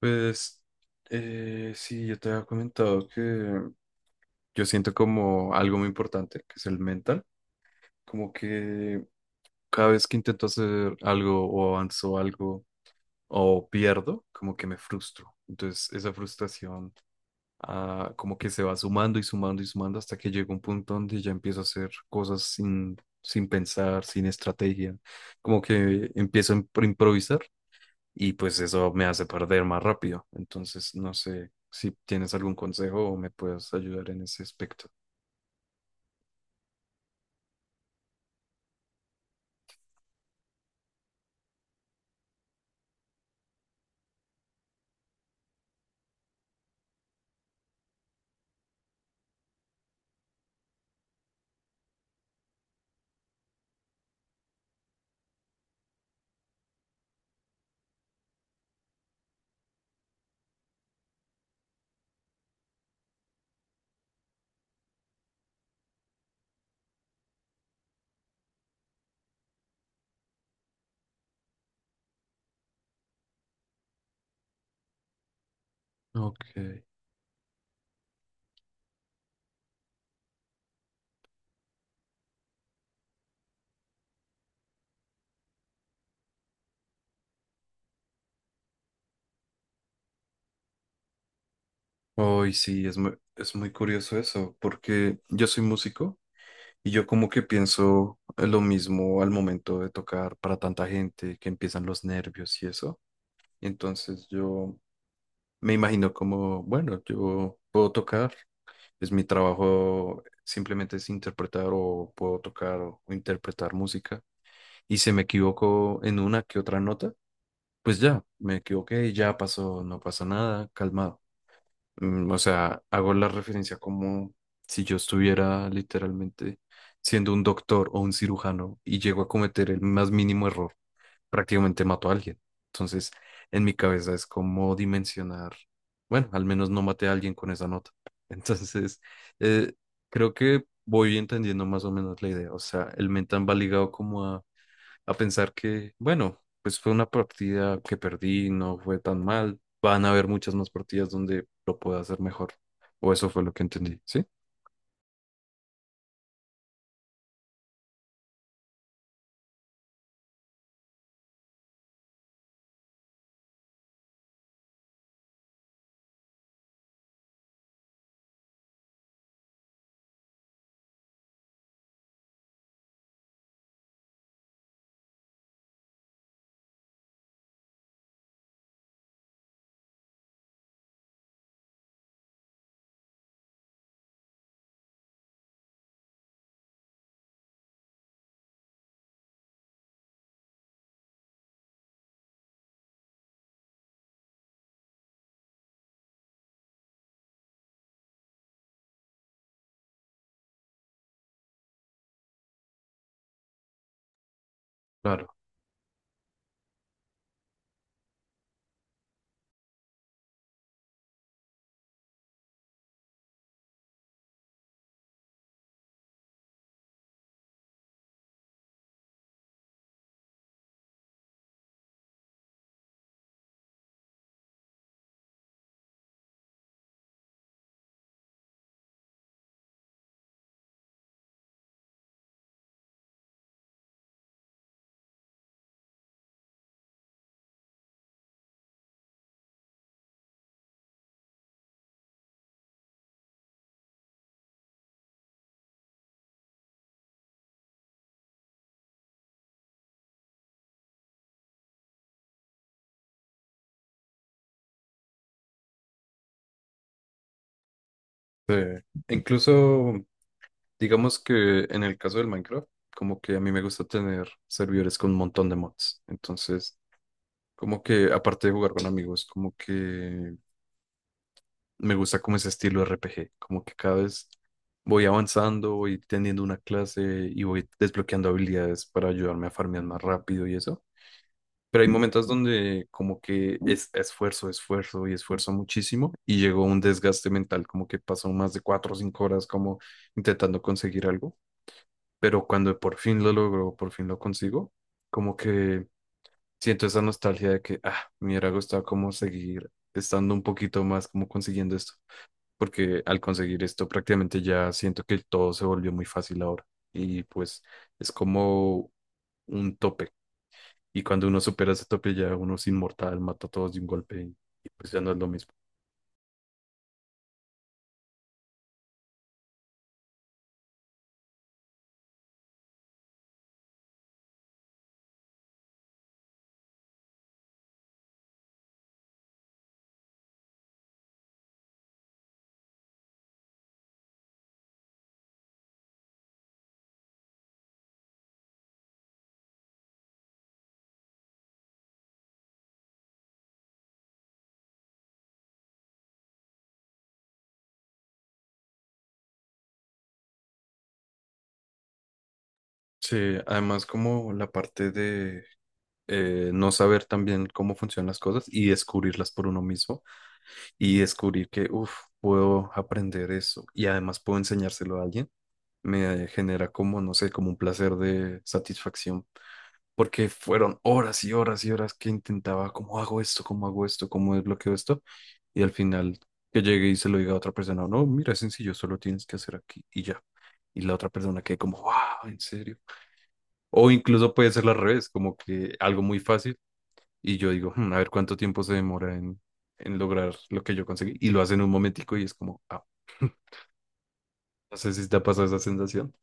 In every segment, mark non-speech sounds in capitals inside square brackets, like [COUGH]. Pues sí, yo te había comentado que yo siento como algo muy importante, que es el mental, como que cada vez que intento hacer algo o avanzo algo o pierdo, como que me frustro. Entonces esa frustración como que se va sumando y sumando y sumando hasta que llega un punto donde ya empiezo a hacer cosas sin pensar, sin estrategia, como que empiezo a improvisar y pues eso me hace perder más rápido. Entonces, no sé si tienes algún consejo o me puedes ayudar en ese aspecto. Ok. Hoy sí, es es muy curioso eso, porque yo soy músico y yo como que pienso lo mismo al momento de tocar para tanta gente, que empiezan los nervios y eso. Entonces yo me imagino como, bueno, yo puedo tocar, es mi trabajo simplemente es interpretar o puedo tocar o interpretar música y se me equivocó en una que otra nota, pues ya, me equivoqué, ya pasó, no pasa nada, calmado. Mm, o sea, hago la referencia como si yo estuviera literalmente siendo un doctor o un cirujano y llego a cometer el más mínimo error, prácticamente mato a alguien. Entonces, en mi cabeza es como dimensionar, bueno, al menos no maté a alguien con esa nota. [LAUGHS] Entonces, eh, creo que voy entendiendo más o menos la idea. O sea, el mental va ligado como a pensar que, bueno, pues fue una partida que perdí, no fue tan mal. Van a haber muchas más partidas donde lo pueda hacer mejor. O eso fue lo que entendí, ¿sí? Claro. Eh, incluso, digamos que en el caso del Minecraft, como que a mí me gusta tener servidores con un montón de mods. Entonces, como que aparte de jugar con amigos, como que me gusta como ese estilo RPG, como que cada vez voy avanzando, voy teniendo una clase y voy desbloqueando habilidades para ayudarme a farmear más rápido y eso. Pero hay momentos donde como que es esfuerzo, esfuerzo y esfuerzo muchísimo y llegó un desgaste mental, como que pasó más de 4 o 5 horas como intentando conseguir algo. Pero cuando por fin lo logro, por fin lo consigo, como que siento esa nostalgia de que, ah, me hubiera gustado como seguir estando un poquito más como consiguiendo esto porque al conseguir esto prácticamente ya siento que todo se volvió muy fácil ahora y pues es como un tope, y cuando uno supera ese tope ya uno es inmortal, mata a todos de un golpe y pues ya no es lo mismo. Sí, además como la parte de no saber también cómo funcionan las cosas y descubrirlas por uno mismo y descubrir que, uff, puedo aprender eso y además puedo enseñárselo a alguien, me genera como, no sé, como un placer de satisfacción porque fueron horas y horas y horas que intentaba, ¿cómo hago esto? ¿Cómo hago esto? ¿Cómo desbloqueo esto? Y al final que llegue y se lo diga a otra persona, no, mira, es sencillo, solo tienes que hacer aquí y ya. Y la otra persona quede como, wow, ¿en serio? O incluso puede ser al revés, como que algo muy fácil y yo digo, "Hmm, a ver cuánto tiempo se demora en lograr lo que yo conseguí". Y lo hacen un momentico y es como, ah, [LAUGHS] no sé si te ha pasado esa sensación.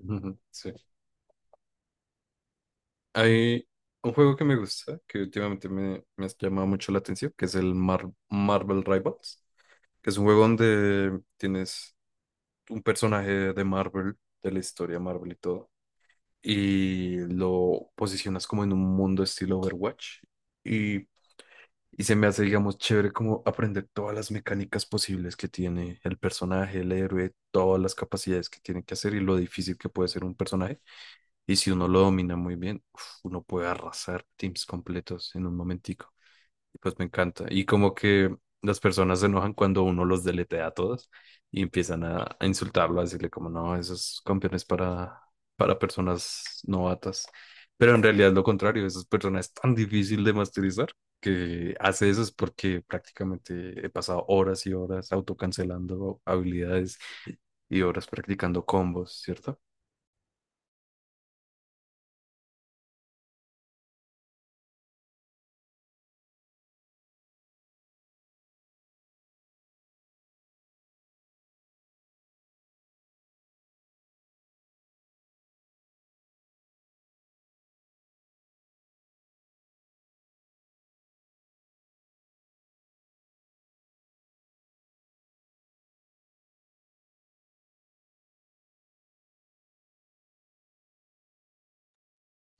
[LAUGHS] Ujú, sí. Hay un juego que me gusta, que últimamente me ha llamado mucho la atención, que es el Marvel Rivals, que es un juego donde tienes un personaje de Marvel, de la historia Marvel y todo, y lo posicionas como en un mundo estilo Overwatch. Y y se me hace, digamos, chévere como aprender todas las mecánicas posibles que tiene el personaje, el héroe, todas las capacidades que tiene que hacer y lo difícil que puede ser un personaje. Y si uno lo domina muy bien, uf, uno puede arrasar teams completos en un momentico. Y pues me encanta. Y como que las personas se enojan cuando uno los deletea a todos y empiezan a insultarlo, a decirle como no, esos campeones para personas novatas. Pero en realidad es lo contrario, esas personas es tan difícil de masterizar que hace eso es porque prácticamente he pasado horas y horas autocancelando habilidades y horas practicando combos, ¿cierto?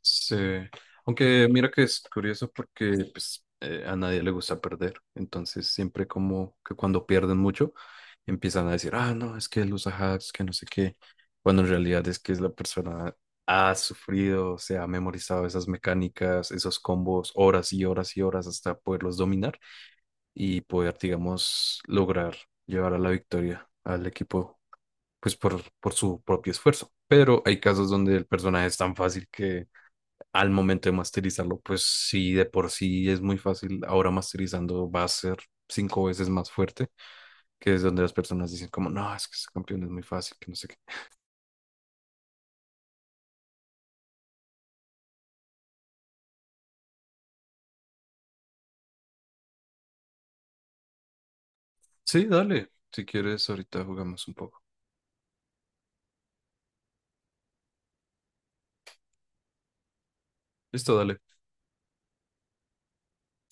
Sí, aunque mira que es curioso porque pues, a nadie le gusta perder, entonces siempre como que cuando pierden mucho empiezan a decir, ah, no, es que él usa hacks, que no sé qué, cuando en realidad es que es la persona ha sufrido, se ha memorizado esas mecánicas, esos combos, horas y horas y horas hasta poderlos dominar y poder, digamos, lograr llevar a la victoria al equipo, pues por su propio esfuerzo. Pero hay casos donde el personaje es tan fácil que al momento de masterizarlo, pues sí, de por sí es muy fácil, ahora masterizando va a ser 5 veces más fuerte, que es donde las personas dicen como, no, es que este campeón es muy fácil, que no sé qué. Sí, dale, si quieres, ahorita jugamos un poco. Listo, dale.